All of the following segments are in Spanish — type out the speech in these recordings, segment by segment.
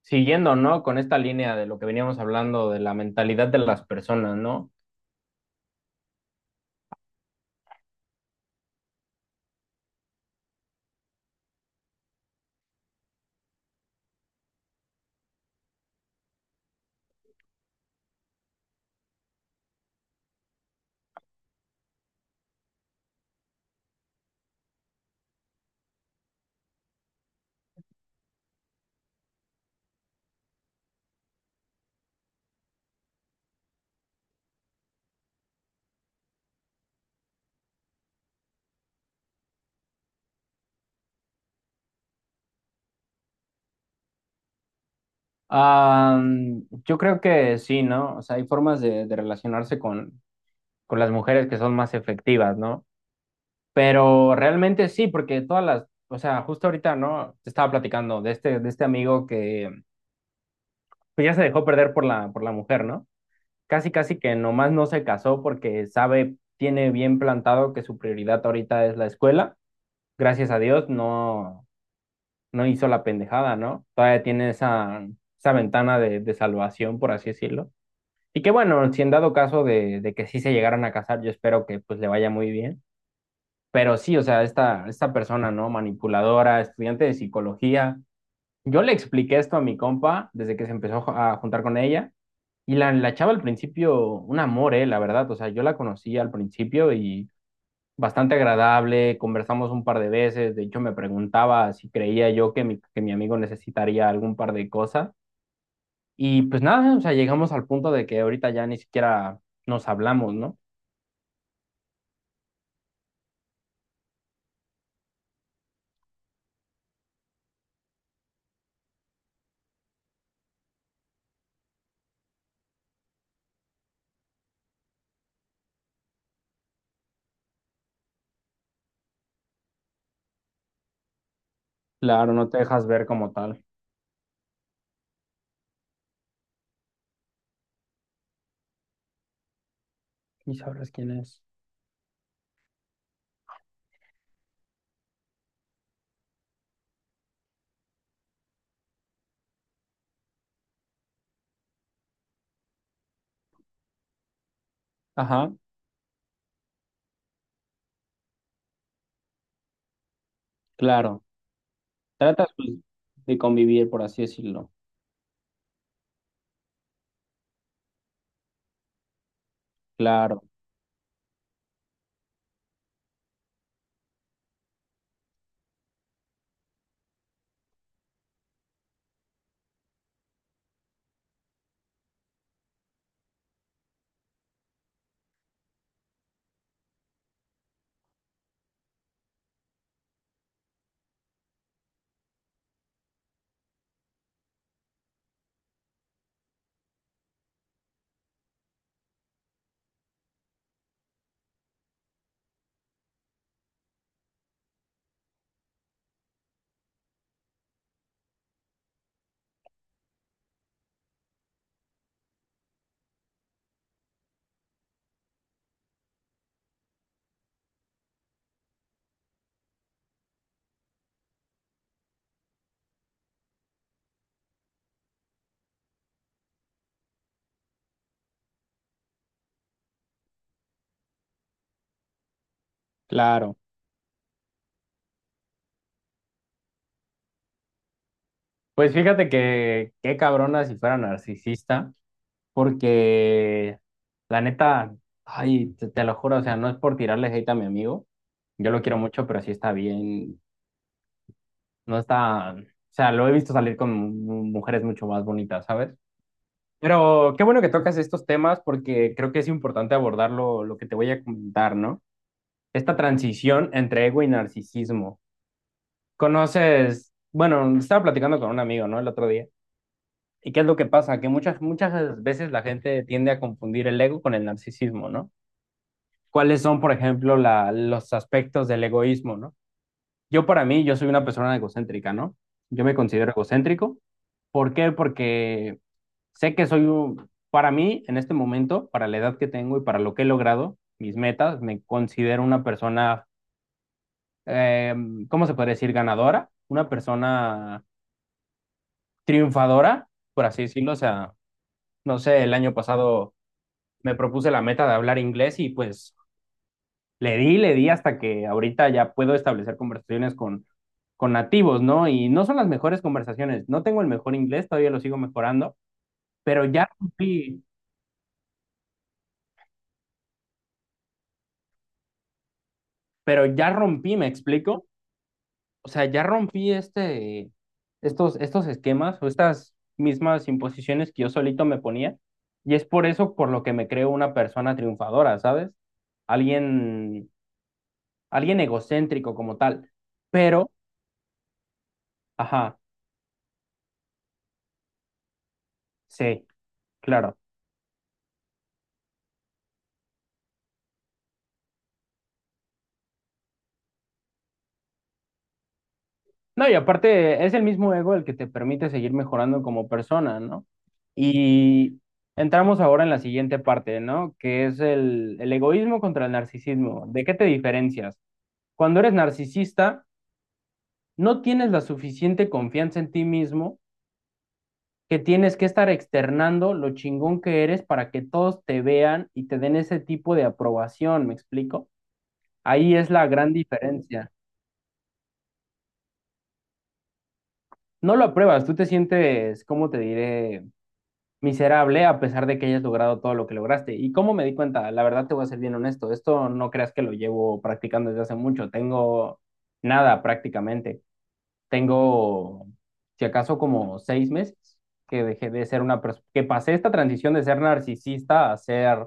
Siguiendo, ¿no? Con esta línea de lo que veníamos hablando, de la mentalidad de las personas, ¿no? Ah, yo creo que sí, ¿no? O sea, hay formas de relacionarse con las mujeres que son más efectivas, ¿no? Pero realmente sí, porque todas las, o sea, justo ahorita, ¿no? Te estaba platicando de este amigo que pues ya se dejó perder por la mujer, ¿no? Casi, casi que nomás no se casó porque sabe, tiene bien plantado que su prioridad ahorita es la escuela. Gracias a Dios, no, no hizo la pendejada, ¿no? Todavía tiene esa ventana de salvación, por así decirlo. Y que bueno, si en dado caso de que sí se llegaran a casar, yo espero que pues le vaya muy bien. Pero sí, o sea, esta persona, ¿no? Manipuladora, estudiante de psicología. Yo le expliqué esto a mi compa desde que se empezó a juntar con ella. Y la chava al principio, un amor, la verdad. O sea, yo la conocí al principio y bastante agradable, conversamos un par de veces, de hecho me preguntaba si creía yo que mi amigo necesitaría algún par de cosas y pues nada, o sea, llegamos al punto de que ahorita ya ni siquiera nos hablamos, ¿no? Claro, no te dejas ver como tal. Y sabrás quién es. Ajá, claro. Tratas pues, de convivir, por así decirlo. Claro, claro. Pues fíjate que qué cabrona si fuera narcisista. Porque la neta, ay, te lo juro, o sea, no es por tirarle hate a mi amigo. Yo lo quiero mucho, pero sí está bien. No está, o sea, lo he visto salir con mujeres mucho más bonitas, ¿sabes? Pero qué bueno que tocas estos temas porque creo que es importante abordar lo que te voy a comentar, ¿no? Esta transición entre ego y narcisismo. Conoces, bueno, estaba platicando con un amigo, ¿no? El otro día. ¿Y qué es lo que pasa? Que muchas veces la gente tiende a confundir el ego con el narcisismo, ¿no? ¿Cuáles son, por ejemplo, los aspectos del egoísmo, ¿no? Yo para mí, yo soy una persona egocéntrica, ¿no? Yo me considero egocéntrico. ¿Por qué? Porque sé que soy, para mí, en este momento, para la edad que tengo y para lo que he logrado, mis metas, me considero una persona, eh, ¿cómo se puede decir? Ganadora, una persona triunfadora, por así decirlo. O sea, no sé, el año pasado me propuse la meta de hablar inglés y pues le di hasta que ahorita ya puedo establecer conversaciones con nativos, ¿no? Y no son las mejores conversaciones. No tengo el mejor inglés, todavía lo sigo mejorando, pero ya rompí, pero ya rompí, ¿me explico? O sea, ya rompí estos esquemas o estas mismas imposiciones que yo solito me ponía. Y es por eso por lo que me creo una persona triunfadora, ¿sabes? Alguien, alguien egocéntrico como tal. Pero, ajá, sí, claro. No, y aparte es el mismo ego el que te permite seguir mejorando como persona, ¿no? Y entramos ahora en la siguiente parte, ¿no? Que es el egoísmo contra el narcisismo. ¿De qué te diferencias? Cuando eres narcisista, no tienes la suficiente confianza en ti mismo que tienes que estar externando lo chingón que eres para que todos te vean y te den ese tipo de aprobación, ¿me explico? Ahí es la gran diferencia. No lo apruebas, tú te sientes, ¿cómo te diré? Miserable a pesar de que hayas logrado todo lo que lograste. ¿Y cómo me di cuenta? La verdad te voy a ser bien honesto, esto no creas que lo llevo practicando desde hace mucho, tengo nada prácticamente, tengo si acaso como 6 meses que dejé de ser una persona, que pasé esta transición de ser narcisista a ser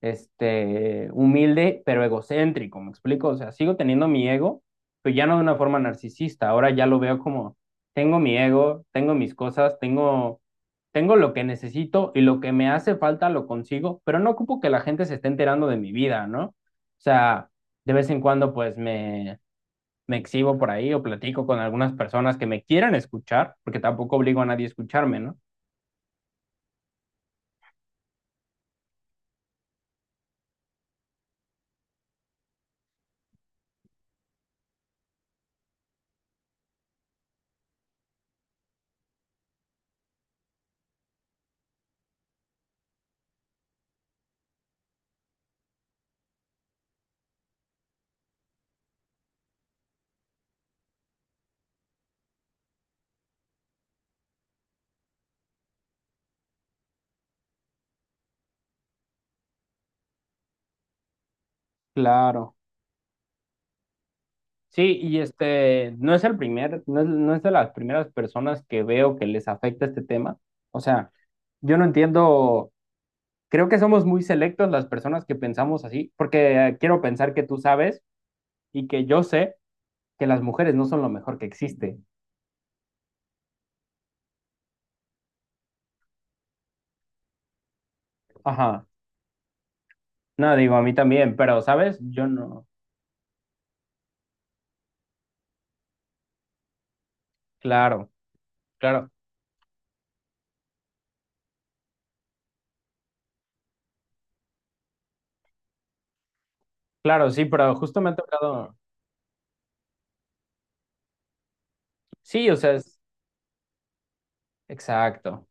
humilde, pero egocéntrico, ¿me explico? O sea, sigo teniendo mi ego, pero ya no de una forma narcisista, ahora ya lo veo como, tengo mi ego, tengo mis cosas, tengo lo que necesito y lo que me hace falta lo consigo, pero no ocupo que la gente se esté enterando de mi vida, ¿no? O sea, de vez en cuando me exhibo por ahí o platico con algunas personas que me quieran escuchar, porque tampoco obligo a nadie a escucharme, ¿no? Claro. Sí, y este no es el primer, no es de las primeras personas que veo que les afecta este tema. O sea, yo no entiendo, creo que somos muy selectos las personas que pensamos así, porque quiero pensar que tú sabes y que yo sé que las mujeres no son lo mejor que existe. Ajá, no digo a mí también, pero sabes, yo no. Claro, claro, claro, sí, pero justo me ha tocado. Sí, o sea, es exacto,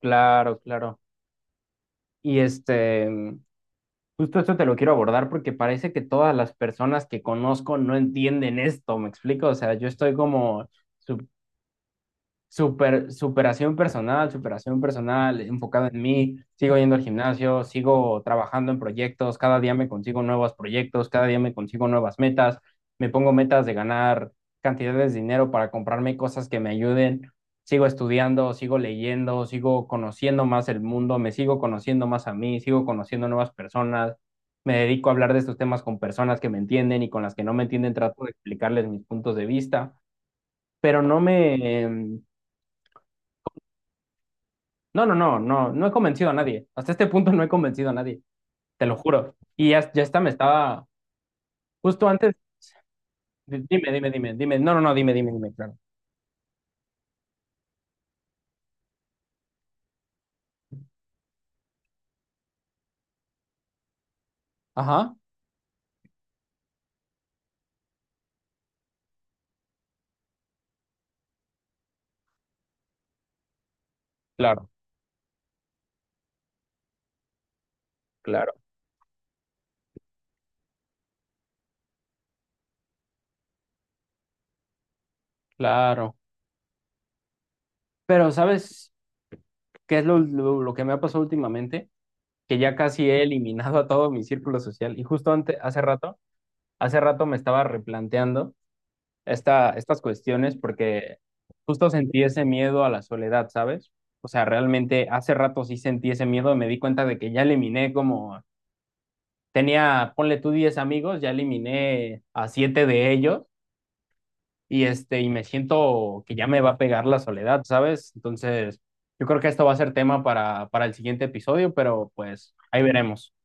claro, claro. Y este. Justo esto te lo quiero abordar porque parece que todas las personas que conozco no entienden esto, ¿me explico? O sea, yo estoy como superación personal, enfocado en mí, sigo yendo al gimnasio, sigo trabajando en proyectos, cada día me consigo nuevos proyectos, cada día me consigo nuevas metas, me pongo metas de ganar cantidades de dinero para comprarme cosas que me ayuden, sigo estudiando, sigo leyendo, sigo conociendo más el mundo, me sigo conociendo más a mí, sigo conociendo nuevas personas. Me dedico a hablar de estos temas con personas que me entienden y con las que no me entienden, trato de explicarles mis puntos de vista, pero no me. No, no, no, no, no he convencido a nadie. Hasta este punto no he convencido a nadie, te lo juro. Y ya, ya está, me estaba justo antes. Dime, dime, dime, dime. No, no, no, dime, dime, dime, claro. Ajá, claro, claro, claro. Pero ¿sabes qué es lo que me ha pasado últimamente? Que ya casi he eliminado a todo mi círculo social. Y justo antes, hace rato me estaba replanteando estas cuestiones porque justo sentí ese miedo a la soledad, ¿sabes? O sea, realmente hace rato sí sentí ese miedo, me di cuenta de que ya eliminé como tenía, ponle tú 10 amigos, ya eliminé a 7 de ellos y este y me siento que ya me va a pegar la soledad, ¿sabes? Entonces, yo creo que esto va a ser tema para el siguiente episodio, pero pues ahí veremos.